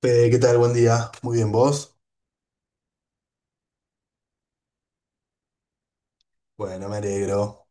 Fede, ¿qué tal? Buen día. Muy bien, ¿vos? Bueno, me alegro.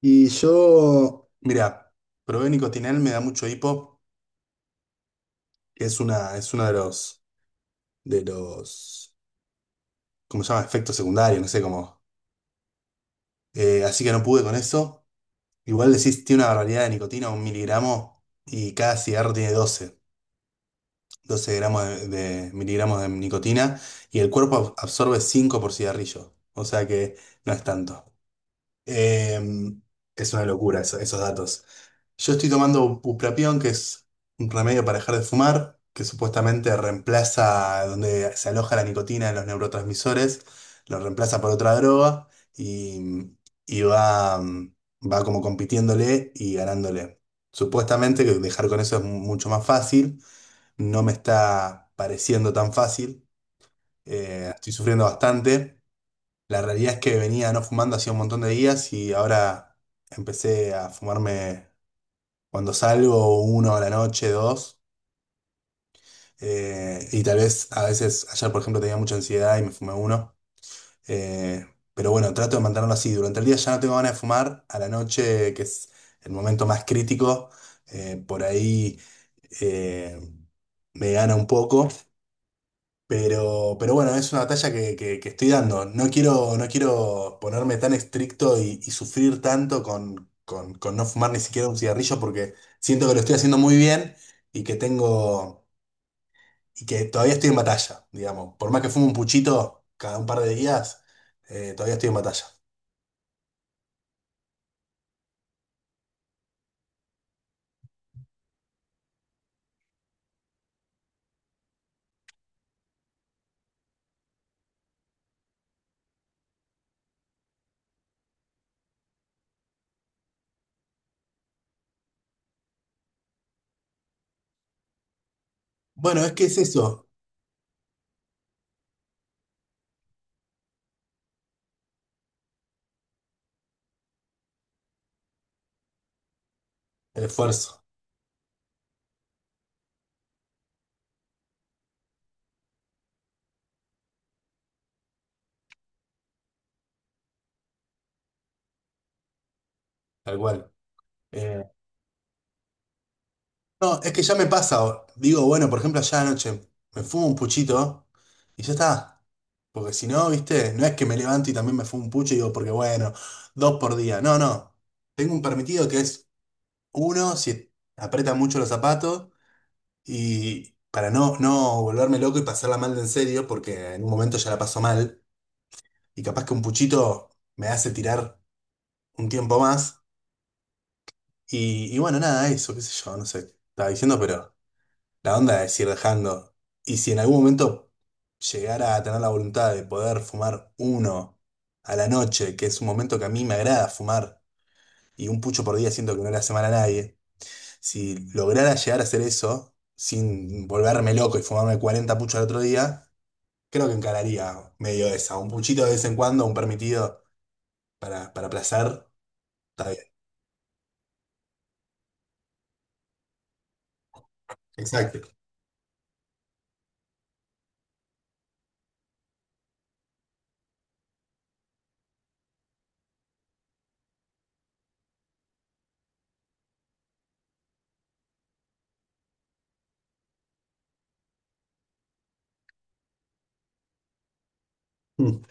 Y yo, mira, probé nicotinal, me da mucho hipo, que es uno de los, de los, ¿cómo se llama? Efectos secundarios, no sé cómo. Así que no pude con eso. Igual decís, tiene una barbaridad de nicotina, un miligramo, y cada cigarro tiene doce gramos de miligramos de nicotina, y el cuerpo absorbe 5 por cigarrillo. O sea que no es tanto. Em, es una locura esos datos. Yo estoy tomando bupropión, que es un remedio para dejar de fumar, que supuestamente reemplaza donde se aloja la nicotina en los neurotransmisores, lo reemplaza por otra droga y, y va como compitiéndole y ganándole. Supuestamente que dejar con eso es mucho más fácil, no me está pareciendo tan fácil, estoy sufriendo bastante. La realidad es que venía no fumando hacía un montón de días y ahora empecé a fumarme. Cuando salgo uno a la noche, dos, y tal vez a veces, ayer por ejemplo tenía mucha ansiedad y me fumé uno, eh, pero bueno, trato de mantenerlo así. Durante el día ya no tengo ganas de fumar, a la noche, que es el momento más crítico, por ahí eh, me gana un poco. Pero bueno, es una batalla que estoy dando. No quiero, no quiero ponerme tan estricto y, sufrir tanto con, con no fumar ni siquiera un cigarrillo porque siento que lo estoy haciendo muy bien y que tengo, y que todavía estoy en batalla, digamos. Por más que fume un puchito cada un par de días, todavía estoy en batalla. Bueno, es que es eso, el esfuerzo, tal cual. Eh, no, es que ya me pasa. Digo, bueno, por ejemplo, allá anoche me fumo un puchito y ya está. Porque si no, viste, no es que me levanto y también me fumo un pucho y digo, porque bueno, dos por día. No, no. Tengo un permitido que es uno si aprieta mucho los zapatos y para no, volverme loco y pasarla mal de en serio, porque en un momento ya la paso mal y capaz que un puchito me hace tirar un tiempo más. Y bueno, nada, eso, qué sé yo, no sé, estaba diciendo, pero... La onda es ir dejando. Y si en algún momento llegara a tener la voluntad de poder fumar uno a la noche, que es un momento que a mí me agrada fumar, y un pucho por día siento que no le hace mal a nadie, si lograra llegar a hacer eso sin volverme loco y fumarme 40 puchos al otro día, creo que encararía medio esa. Un puchito de vez en cuando, un permitido para placer, está bien. Exacto. Mm.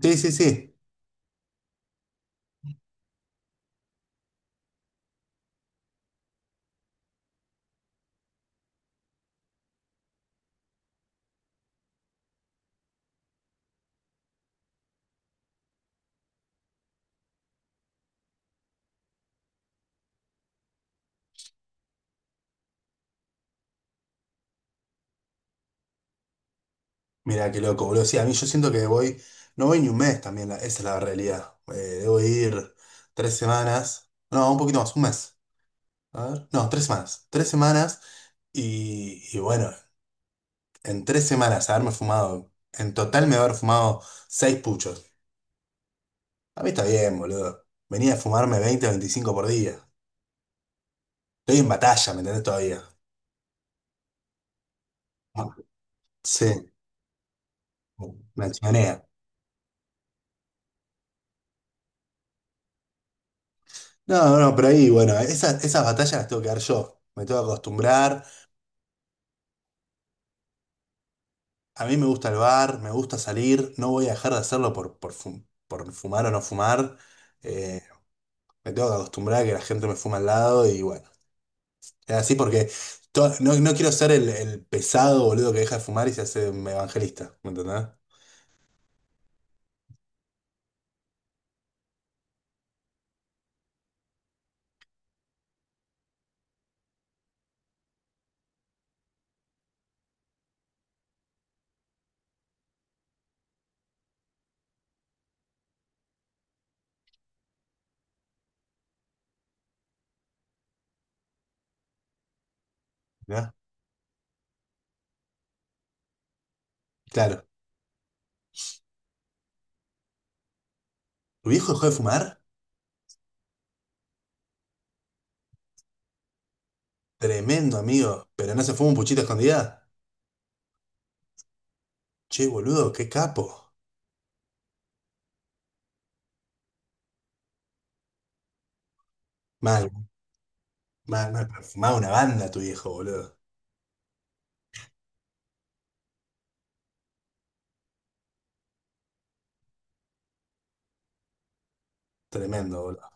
Sí, sí, sí. Mira, qué loco, boludo. Sí, a mí yo siento que voy, no voy ni un mes también, esa es la realidad. Debo ir 3 semanas, no, un poquito más, un mes. A ver, no, 3 semanas. 3 semanas y bueno, en 3 semanas haberme fumado, en total me haber fumado seis puchos. A mí está bien, boludo. Venía a fumarme 20 o 25 por día. Estoy en batalla, ¿me entendés todavía? Sí, me accionea. No, no, pero ahí, bueno, esas batallas las tengo que dar yo. Me tengo que acostumbrar. A mí me gusta el bar, me gusta salir, no voy a dejar de hacerlo por, por fumar o no fumar. eh, me tengo que acostumbrar a que la gente me fuma al lado y bueno, es así porque no, no quiero ser el pesado boludo que deja de fumar y se hace un evangelista, ¿me entendés? ¿Ya? Claro. ¿Tu viejo dejó de fumar? Tremendo, amigo. ¿Pero no se fuma un puchito a escondida? Che, boludo, qué capo. Mal, mal, mal. Pero fumaba una banda tu viejo, boludo. Tremendo, boludo.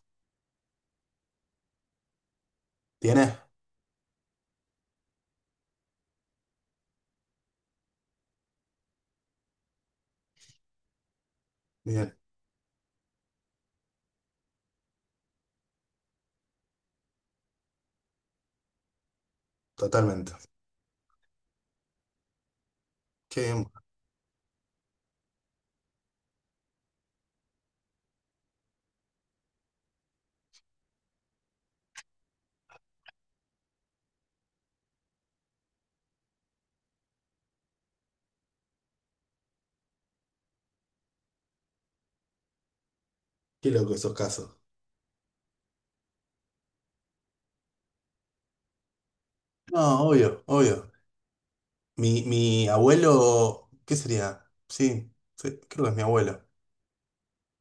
¿Tienes? Bien, totalmente. ¡Qué, loco esos casos! No, obvio, obvio. Mi abuelo, ¿qué sería? Sí, sí, creo que es mi abuelo.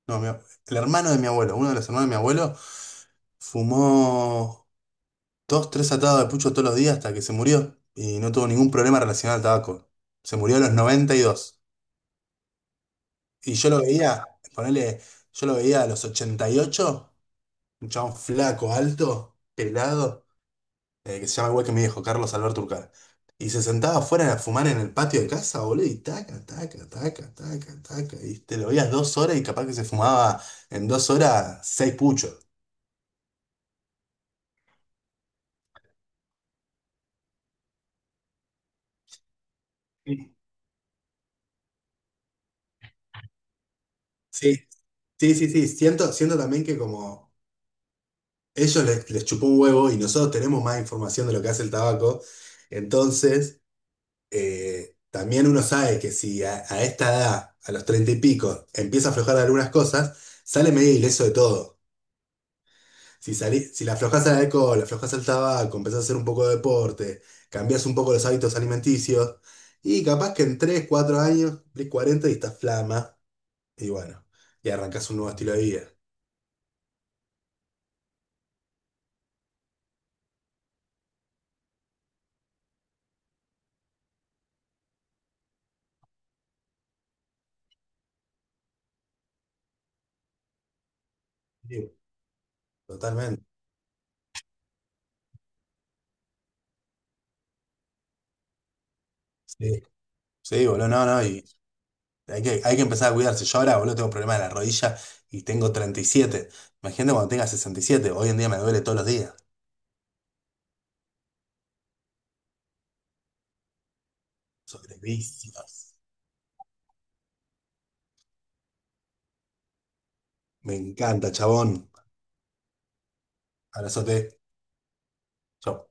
No, el hermano de mi abuelo, uno de los hermanos de mi abuelo, fumó dos, tres atados de pucho todos los días hasta que se murió y no tuvo ningún problema relacionado al tabaco. Se murió a los 92 y yo lo veía, ponele, yo lo veía a los 88, un chabón flaco, alto, pelado. Eh, que se llama igual que mi viejo, Carlos Alberto Urcal. Y se sentaba afuera a fumar en el patio de casa, boludo, y taca, taca, taca, taca, taca. Y te lo veías 2 horas y capaz que se fumaba en 2 horas seis puchos. Sí. Sí, sí, sí, sí. Siento también que como ellos les chupó un huevo y nosotros tenemos más información de lo que hace el tabaco, entonces también uno sabe que si a esta edad, a los treinta y pico, empieza a aflojar de algunas cosas, sale medio ileso de todo. Si, salí, si la aflojás al alcohol, le aflojás al tabaco, empezás a hacer un poco de deporte, cambiás un poco los hábitos alimenticios, y capaz que en 3 4 años, cumplís 40 y estás flama, y bueno, y arrancás un nuevo estilo de vida. Sí, totalmente. Sí, sí, boludo, no, no, y hay que empezar a cuidarse. Yo ahora, boludo, tengo problemas de la rodilla y tengo 37. Imagínate cuando tenga 67, hoy en día me duele todos los días. Sobre vicios. Me encanta, chabón. Abrazote. Chau.